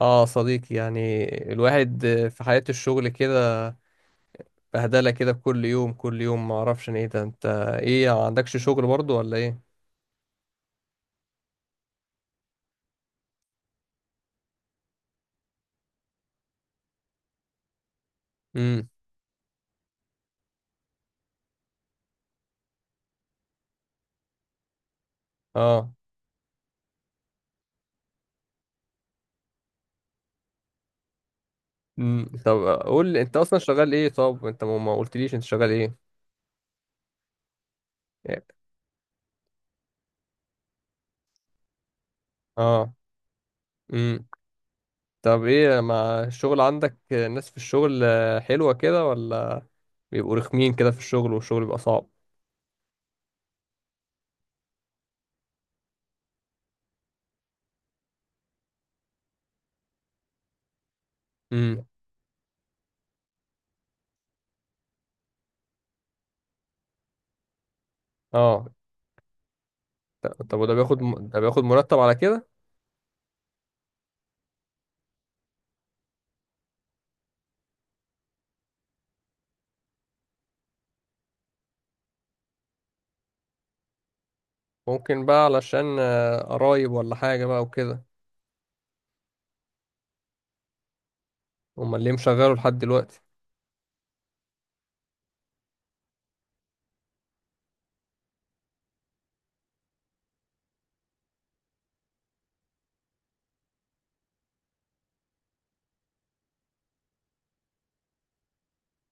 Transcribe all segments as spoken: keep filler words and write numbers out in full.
اه صديقي يعني الواحد في حياة الشغل كده، بهدلة كده كل يوم كل يوم. ما اعرفش ايه ده انت، ايه ما عندكش شغل برضو ولا ايه؟ امم اه امم طب قول لي انت اصلا شغال ايه؟ طب انت ما ما قلتليش انت شغال ايه؟ اه امم طب ايه، ما الشغل عندك الناس في الشغل حلوة كده، ولا بيبقوا رخمين كده في الشغل والشغل بيبقى صعب؟ امم اه ط- طب وده بياخد م- ده بياخد مرتب على كده؟ ممكن بقى علشان آه، قرايب ولا حاجة بقى وكده. امال ليه مشغله لحد دلوقتي؟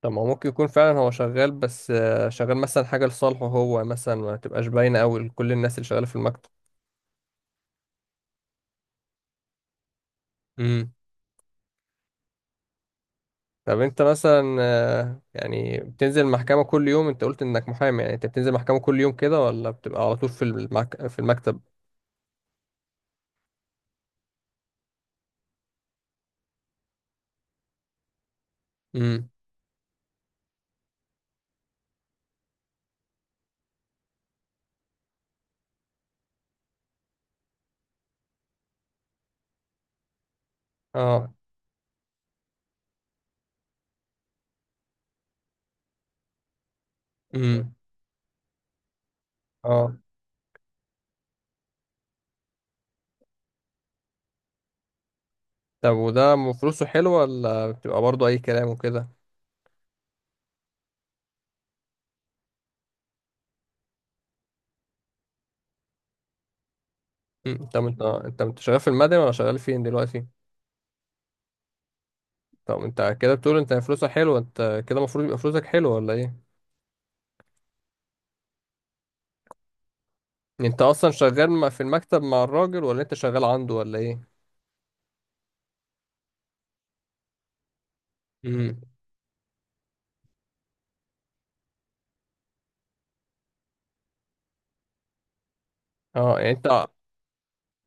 طب ما هو ممكن يكون فعلا هو شغال، بس آه، شغال مثلا حاجة لصالحه هو، مثلا ما تبقاش باينة قوي لكل الناس اللي شغالة في المكتب. امم. طب انت مثلا آه، يعني بتنزل محكمة كل يوم؟ انت قلت انك محامي، يعني انت بتنزل محكمة كل يوم كده، ولا بتبقى على طول في المك... في المكتب؟ امم اه امم اه طب وده م- فلوسه حلوة، ولا بتبقى برضه اي كلام وكده؟ مم. طب انت انت انت شغال في المدني، ولا شغال فين دلوقتي؟ طب انت كده بتقول انت فلوسك حلوة، انت كده المفروض يبقى فلوسك حلوة ولا ايه؟ انت اصلا شغال م- في المكتب مع الراجل، ولا انت شغال عنده، ولا ايه؟ امم. اه يعني انت،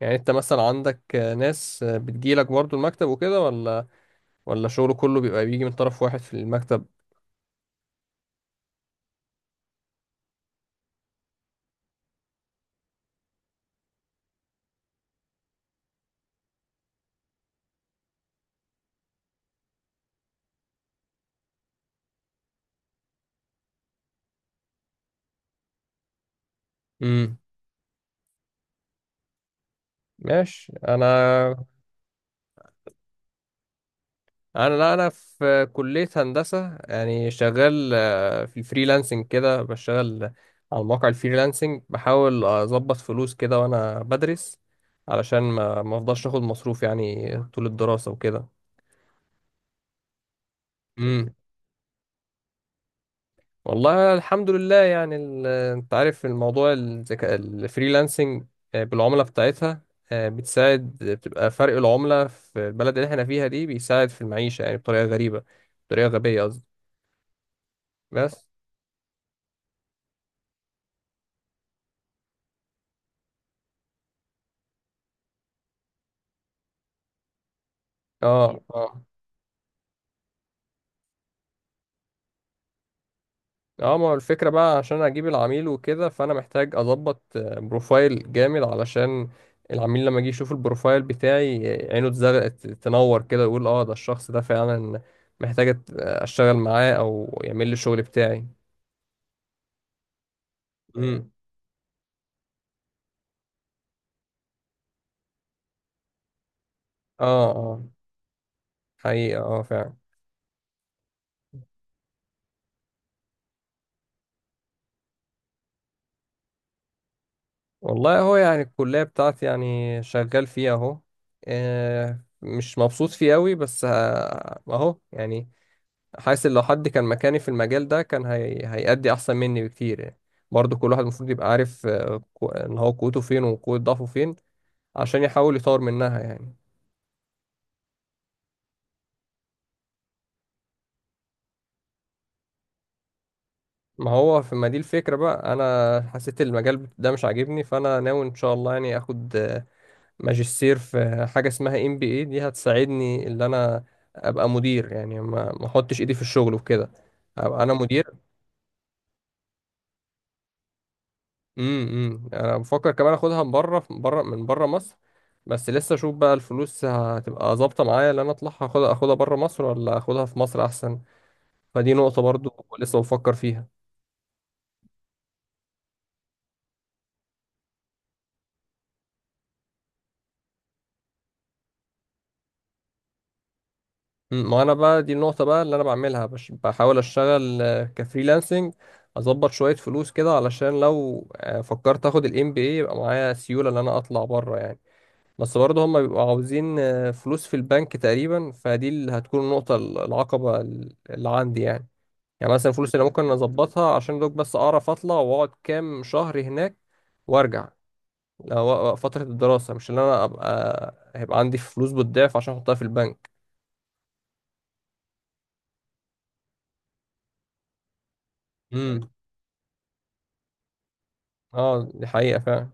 يعني انت مثلا عندك آه، ناس آه، بتجيلك برضو المكتب وكده، ولا ولا شغله كله بيبقى بيجي من طرف واحد في المكتب؟ امم. ماشي. انا، انا لا، انا في كلية هندسة، يعني شغال آه، في الفريلانسنج كده، بشتغل على مواقع الفريلانسنج، بحاول اظبط فلوس كده وانا بدرس، علشان ما ما افضلش اخد مصروف يعني طول الدراسة وكده. والله الحمد لله يعني ال- آه، انت عارف الموضوع، الذكاء الفريلانسنج آه، بالعملة بتاعتها آه، بتساعد، بتبقى فرق العملة في البلد اللي احنا فيها دي، بيساعد في المعيشة يعني بطريقة غريبة، بطريقة غبية قصدي. بس. اه اه اه ما هو الفكرة بقى عشان اجيب العميل وكده، فانا محتاج اظبط آه، بروفايل جامد، علشان العميل لما يجي يشوف البروفايل بتاعي آه، عينه تزغ- تنور كده، يقول اه ده الشخص ده فعلا محتاج أت- اشتغل معاه او يعمل لي الشغل بتاعي. امم اه اه حقيقة، اه فعلا. والله هو يعني الكلية بتاعتي، يعني شغال فيها اهو آه، مش مبسوط فيه قوي، بس آه، اهو يعني. حاسس إن لو حد كان مكاني في المجال ده كان هي... هيأدي احسن مني بكتير يعني. برضه كل واحد المفروض يبقى عارف آه، كو- ان هو قوته فين وقوة ضعفه فين، عشان يحاول يطور منها يعني. ما هو في، ما دي الفكرة بقى، انا حسيت المجال ده مش عاجبني، فانا ناوي ان شاء الله يعني اخد ماجستير في حاجة اسمها ام بي اي دي، هتساعدني ان انا ابقى مدير، يعني ما ما احطش ايدي في الشغل وكده، ابقى انا مدير. امم إمم. انا بفكر كمان اخدها من بره، بره من بره مصر. بس لسه اشوف بقى الفلوس هتبقى ظابطة معايا ان انا اطلعها، اخدها اخدها بره مصر، ولا اخدها في مصر احسن. فدي نقطة برضو لسه بفكر فيها. مم. ما انا بقى دي النقطة بقى اللي انا بعملها بش- بحاول اشتغل آه، كفريلانسنج، اظبط شوية فلوس كده علشان لو آه، فكرت اخد الام بي اي يبقى معايا سيولة ان انا اطلع بره يعني. بس برضه هما بيبقوا عاوزين آه، فلوس في البنك تقريبا، فدي اللي هتكون النقطة ال- العقبة ال- اللي عندي يعني. يعني مثلا الفلوس اللي ممكن اظبطها عشان دوك، بس اعرف اطلع واقعد كام شهر هناك وارجع. لو- فترة الدراسة، مش اللي انا ابقى هيبقى عندي فلوس بالضعف عشان احطها في البنك. امم اه دي حقيقة فعلا.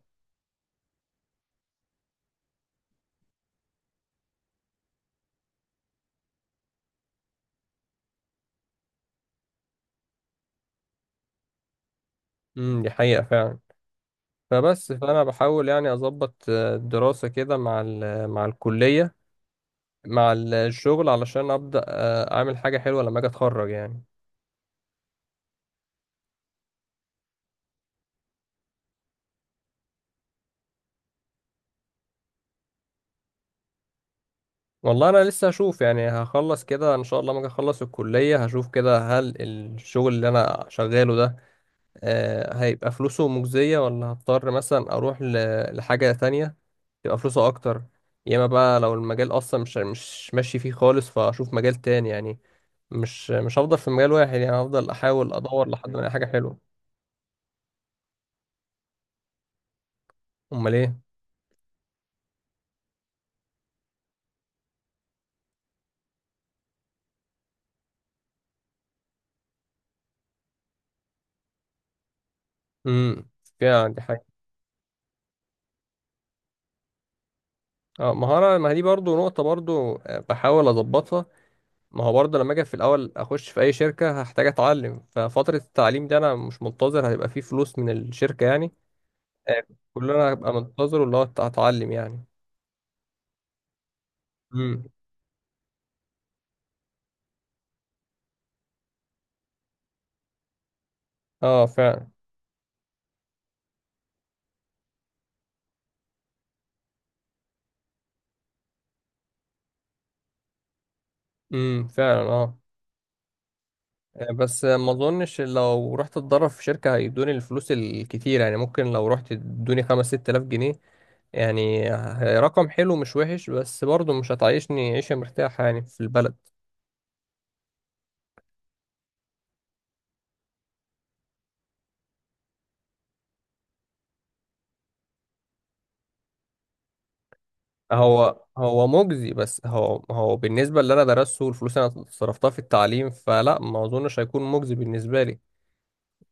امم دي حقيقة فعلا. فبس، فأنا بحاول يعني أظبط آه، الدراسة كده مع ال- مع الكلية، مع الشغل، علشان أبدأ آه، أعمل حاجة حلوة لما أجي أتخرج يعني. والله أنا لسه هشوف يعني، هخلص كده إن شاء الله، لما أجي أخلص الكلية هشوف كده هل الشغل اللي أنا شغاله ده آه، هيبقى فلوسه مجزية، ولا هضطر مثلا أروح ل- لحاجة تانية تبقى فلوسه أكتر. يا إما بقى لو المجال أصلا مش مش ماشي فيه خالص، فأشوف مجال تاني يعني. مش مش هفضل في مجال واحد يعني، هفضل احاول ادور لحد ما الاقي حاجه حلوه. امال ايه؟ امم. فيها عندي حاجه. اه مهاره، ما هي دي برضو نقطه برضو آه، بحاول اظبطها. ما هو برضو لما اجي في الاول اخش في اي شركه هحتاج اتعلم، ففتره التعليم دي انا مش منتظر هيبقى فيه فلوس من الشركه يعني. آه، كلنا هبقى منتظر اللي هو اتعلم يعني. امم اه فعلا. امم فعلا. اه آه، بس ما اظنش لو رحت اتدرب في شركه هيدوني الفلوس الكتير يعني، ممكن لو رحت ادوني خمسة ستة آلاف جنيه يعني، رقم حلو مش وحش، بس برضه مش هتعيشني عيشة مرتاحة يعني في البلد. هو هو مجزي، بس هو هو بالنسبة اللي أنا درسته والفلوس اللي أنا صرفتها في التعليم، فلا ما أظنش هيكون مجزي بالنسبة لي.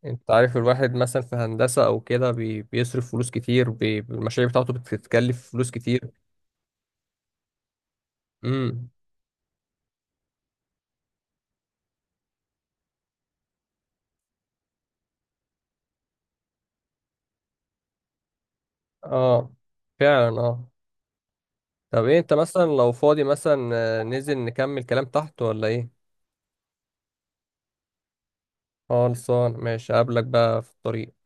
أنت عارف الواحد مثلا في هندسة أو كده بي بيصرف فلوس كتير، بي المشاريع بتاعته بتتكلف فلوس كتير. امم اه فعلا اه. طب إيه، أنت مثلا لو فاضي مثلا آه، ننزل نكمل كلام تحت ولا إيه؟ خلصان ماشي، أقابلك بقى في الطريق.